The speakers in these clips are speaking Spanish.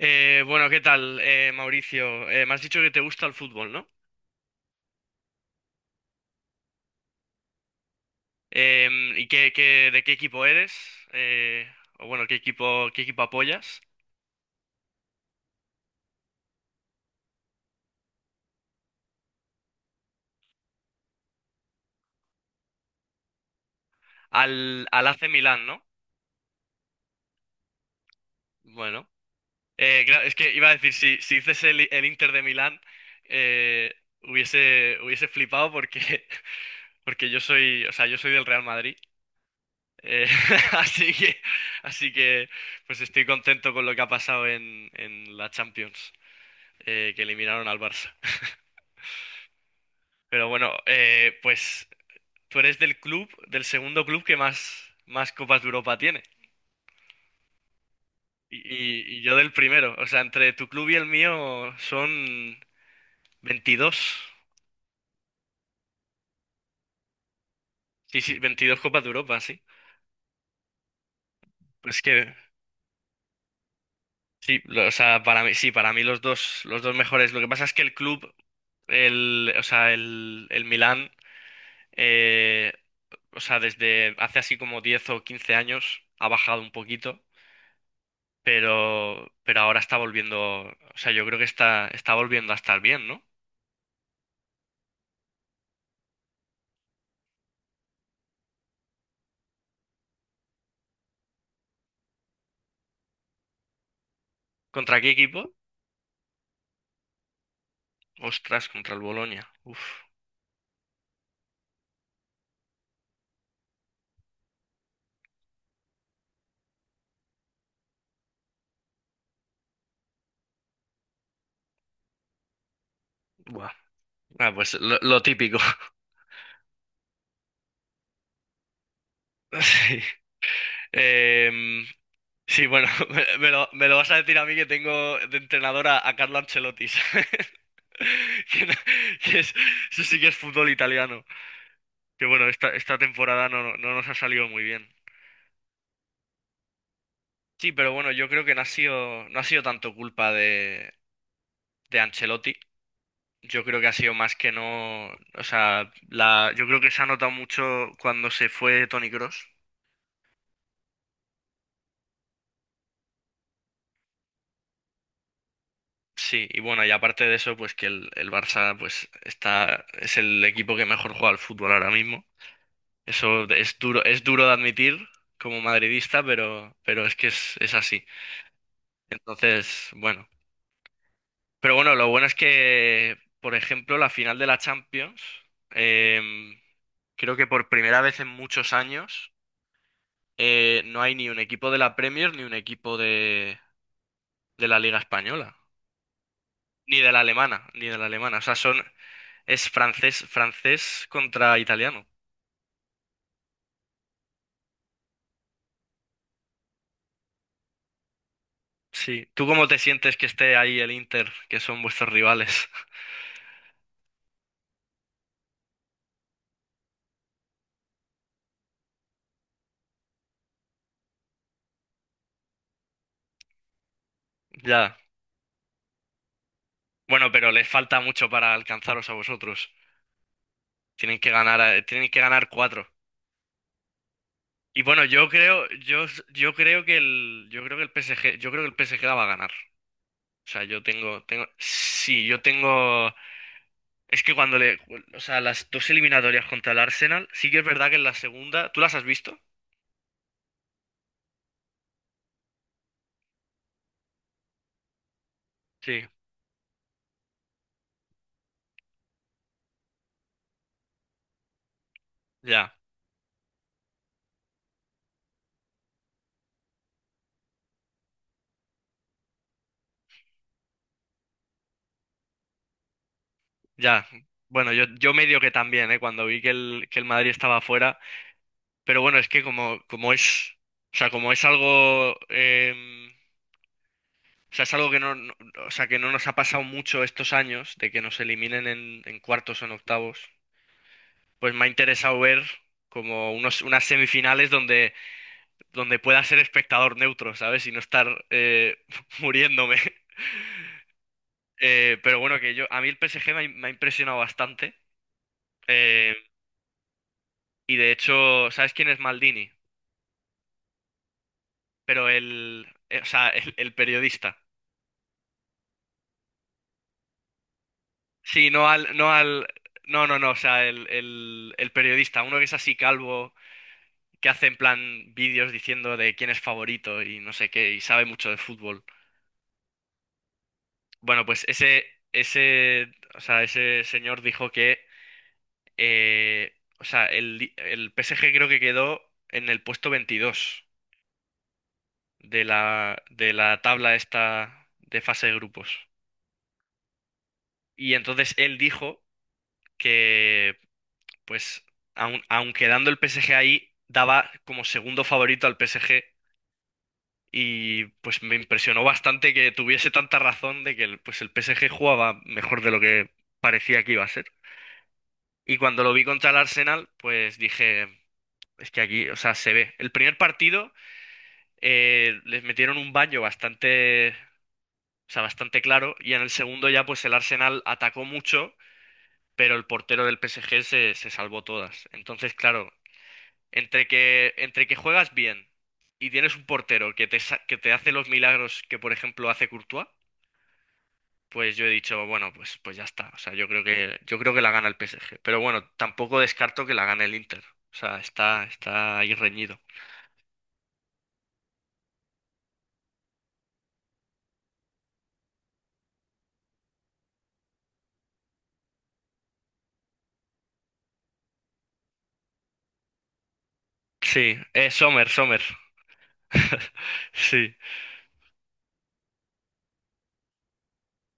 Bueno, ¿qué tal, Mauricio? Me has dicho que te gusta el fútbol, ¿no? ¿Y de qué equipo eres? Eh, o bueno, ¿Qué equipo apoyas? Al AC Milán, ¿no? Bueno, claro, es que iba a decir, si dices el Inter de Milán, eh, hubiese flipado porque, porque yo soy, o sea, yo soy del Real Madrid. Eh, así que, así que, pues estoy contento con lo que ha pasado en la Champions, que eliminaron al Barça. Pero bueno, pues tú eres del club, del segundo club que más Copas de Europa tiene. Y yo del primero. O sea, entre tu club y el mío son 22. Sí, 22 Copas de Europa, sí. Pues que, sí, o sea, para mí, sí, para mí los dos mejores. Lo que pasa es que el club, o sea, el Milán, eh, o sea, desde hace así como 10 o 15 años ha bajado un poquito. Pero ahora está volviendo, o sea, yo creo que está volviendo a estar bien, ¿no? ¿Contra qué equipo? Ostras, contra el Bolonia. Uf, buah. Ah, pues lo típico. Sí. Em, sí, bueno, me lo vas a decir a mí que tengo de entrenadora a Carlo Ancelotti, ¿sabes? Que no- que es- Eso sí que es fútbol italiano. Que bueno, esta temporada no, no nos ha salido muy bien. Sí, pero bueno, yo creo que no ha sido tanto culpa de Ancelotti. Yo creo que ha sido más que no, o sea, yo creo que se ha notado mucho cuando se fue Toni Kroos. Sí, y bueno, y aparte de eso, pues que el Barça, es el equipo que mejor juega al fútbol ahora mismo. Eso es duro de admitir como madridista, pero es que es así. Entonces, bueno. Pero bueno, lo bueno es que, por ejemplo, la final de la Champions, em, creo que por primera vez en muchos años. No hay ni un equipo de la Premier, ni un equipo de la Liga Española, ni de la alemana, ni de la alemana. O sea, es francés, francés contra italiano. Sí. ¿Tú cómo te sientes que esté ahí el Inter, que son vuestros rivales? Ya. Bueno, pero les falta mucho para alcanzaros a vosotros. Tienen que ganar cuatro. Y bueno, yo creo que el PSG la va a ganar. O sea, yo tengo, sí, yo tengo. Es que cuando le. O sea, las dos eliminatorias contra el Arsenal, sí que es verdad que en la segunda. ¿Tú las has visto? Sí, ya, ya. Bueno, yo medio que también, ¿eh? Cuando vi que el Madrid estaba fuera. Pero bueno, es que como es. O sea, como es algo. O sea, es algo que o sea, que no nos ha pasado mucho estos años, de que nos eliminen en cuartos o en octavos. Pues me ha interesado ver como unas semifinales donde pueda ser espectador neutro, ¿sabes? Y no estar, muriéndome. Pero bueno, que yo, a mí el PSG me ha impresionado bastante. eh, y de hecho, ¿sabes quién es Maldini? Pero o sea, el periodista. Sí, no al, no, no, no, o sea, el periodista, uno que es así calvo, que hace en plan vídeos diciendo de quién es favorito y no sé qué, y sabe mucho de fútbol. Bueno, pues ese, o sea, ese señor dijo que. Eh, o sea, el PSG creo que quedó en el puesto 22 de la tabla esta de fase de grupos. Y entonces él dijo que, pues, aun quedando el PSG ahí, daba como segundo favorito al PSG. Y pues me impresionó bastante que tuviese tanta razón de que pues, el PSG jugaba mejor de lo que parecía que iba a ser. Y cuando lo vi contra el Arsenal, pues dije, es que aquí, o sea, se ve. El primer partido. Les metieron un baño bastante, o sea, bastante claro y en el segundo ya pues el Arsenal atacó mucho, pero el portero del PSG se salvó todas. Entonces, claro, entre que juegas bien y tienes un portero que que te hace los milagros que, por ejemplo, hace Courtois, pues yo he dicho, bueno, pues ya está. O sea, yo creo que la gana el PSG. Pero bueno, tampoco descarto que la gane el Inter. O sea, está ahí reñido. Sí, Sommer, Sommer. Sí,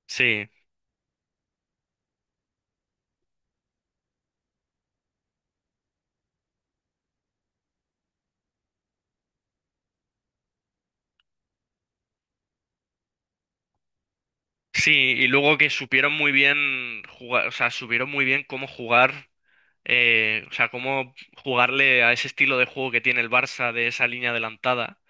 sí. Sí, y luego que supieron muy bien jugar, o sea, supieron muy bien cómo jugar, o sea, cómo jugarle a ese estilo de juego que tiene el Barça de esa línea adelantada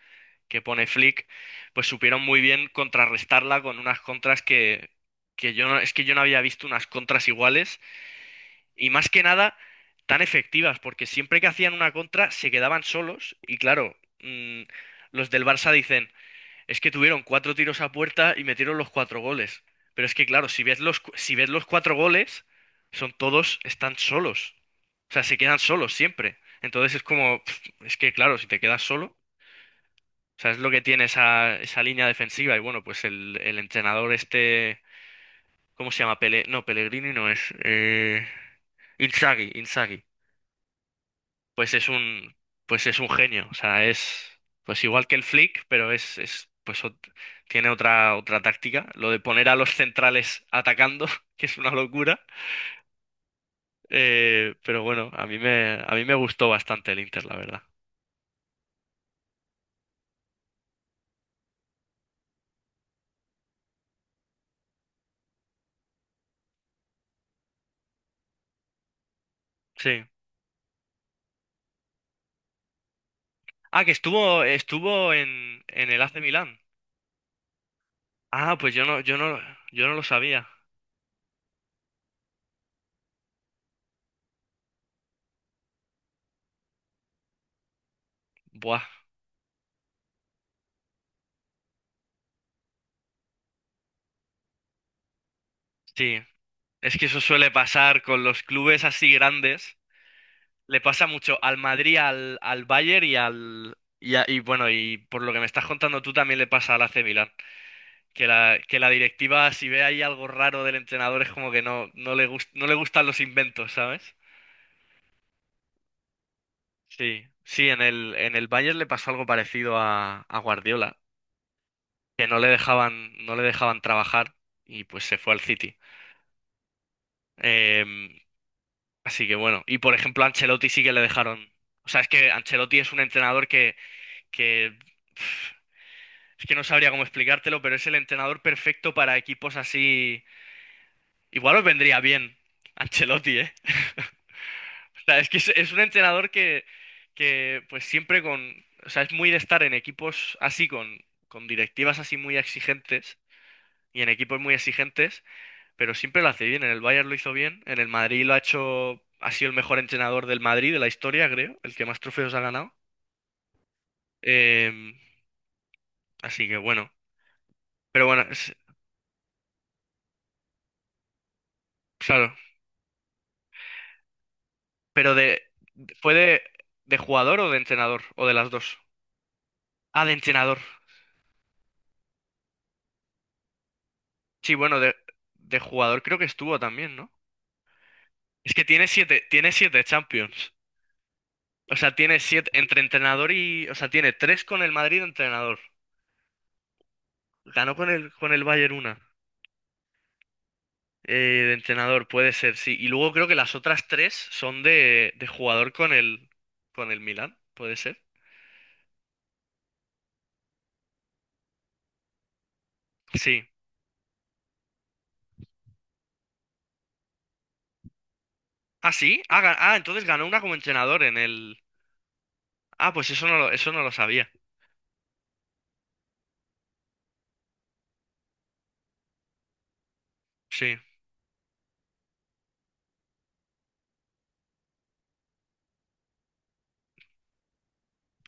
que pone Flick, pues supieron muy bien contrarrestarla con unas contras que yo no, es que yo no había visto unas contras iguales y más que nada tan efectivas, porque siempre que hacían una contra se quedaban solos y claro, los del Barça dicen es que tuvieron cuatro tiros a puerta y metieron los cuatro goles. Pero es que, claro, si ves los cuatro goles, son todos, están solos. O sea, se quedan solos siempre. Entonces es como, pf, es que, claro, si te quedas solo, o sea, es lo que tiene esa línea defensiva. Y bueno, pues el entrenador este, ¿cómo se llama? Pele, no, Pellegrini no es. Inzaghi, Inzaghi. pues es un, pues es un genio. O sea, es pues igual que el Flick, pero es pues tiene otra táctica. Lo de poner a los centrales atacando, que es una locura. Pero bueno, a mí me gustó bastante el Inter, la verdad. Sí. Ah, que estuvo en el AC Milán. Ah, pues yo no lo sabía. Buah, sí. Es que eso suele pasar con los clubes así grandes. Le pasa mucho al Madrid, al Bayern y Y bueno, y por lo que me estás contando tú también le pasa al AC Milan. Que la directiva, si ve ahí algo raro del entrenador, es como que no, no le gustan los inventos, ¿sabes? Sí, sí, en el Bayern le pasó algo parecido a Guardiola, que no le dejaban trabajar y pues se fue al City. Em, así que bueno, y por ejemplo a Ancelotti sí que le dejaron. O sea, es que Ancelotti es un entrenador que. Es que no sabría cómo explicártelo, pero es el entrenador perfecto para equipos así. Igual os vendría bien Ancelotti, ¿eh? O sea, es que es un entrenador que, pues siempre con. O sea, es muy de estar en equipos así, con directivas así muy exigentes y en equipos muy exigentes, pero siempre lo hace bien. En el Bayern lo hizo bien, en el Madrid lo ha hecho. Ha sido el mejor entrenador del Madrid de la historia, creo, el que más trofeos ha ganado. Em, así que bueno, pero bueno, claro, pero de. ¿Fue de jugador o de entrenador? ¿O de las dos? Ah, de entrenador. Sí, bueno, de jugador creo que estuvo también, ¿no? Es que tiene siete Champions. O sea, tiene siete entre entrenador y. O sea, tiene tres con el Madrid de entrenador. Ganó con el Bayern una. eh, de entrenador, puede ser, sí. Y luego creo que las otras tres son de jugador con el Milan, puede ser. Sí. Ah, sí. Ah, entonces ganó una como entrenador en el. Ah, pues eso no lo sabía. Sí.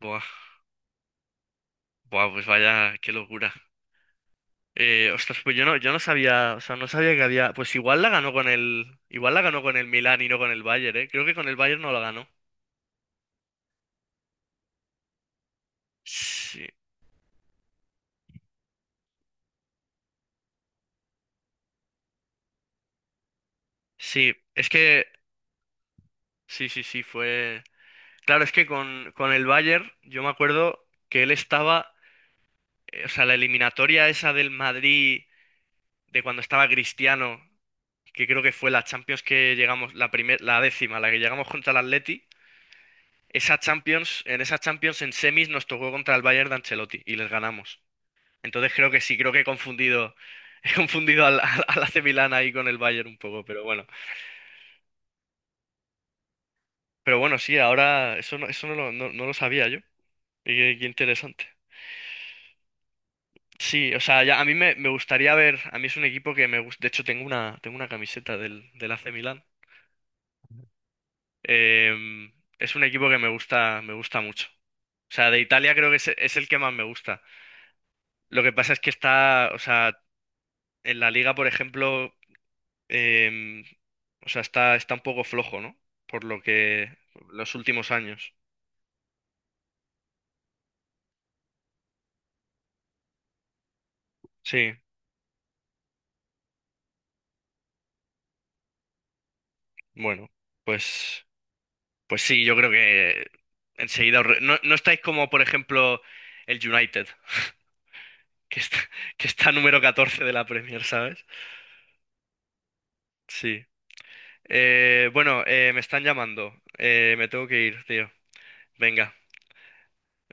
Buah. Buah, pues vaya, qué locura. Ostras, pues yo no sabía, o sea, no sabía que había. Pues igual la ganó con el. Igual la ganó con el Milan y no con el Bayern, ¿eh? Creo que con el Bayern no la ganó. Sí, sí, es que. Sí, sí, sí, fue. Claro, es que con el Bayern, yo me acuerdo que él estaba. O sea, la eliminatoria esa del Madrid, de cuando estaba Cristiano, que creo que fue la Champions que llegamos, la primer, la décima, la que llegamos contra el Atleti. En esa Champions en semis nos tocó contra el Bayern de Ancelotti y les ganamos. Entonces creo que sí, creo que he confundido al AC Milan ahí con el Bayern un poco, pero bueno. Pero bueno, sí, ahora eso no lo, no, no lo sabía yo. Y qué interesante. Sí, o sea, ya, me gustaría ver, a mí es un equipo que me gusta, de hecho tengo una camiseta del AC Milan. Em, es un equipo que me gusta mucho. O sea, de Italia creo que es el que más me gusta. Lo que pasa es que está, o sea, en la liga, por ejemplo, em, o sea, está un poco flojo, ¿no? Por lo que los últimos años. Sí, bueno, pues, pues sí, yo creo que No, no estáis como, por ejemplo, el United, que está, que está número 14 de la Premier, ¿sabes? Sí. Bueno, me están llamando. Me tengo que ir, tío. Venga,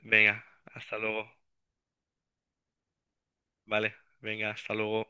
venga, hasta luego. Vale, venga, hasta luego.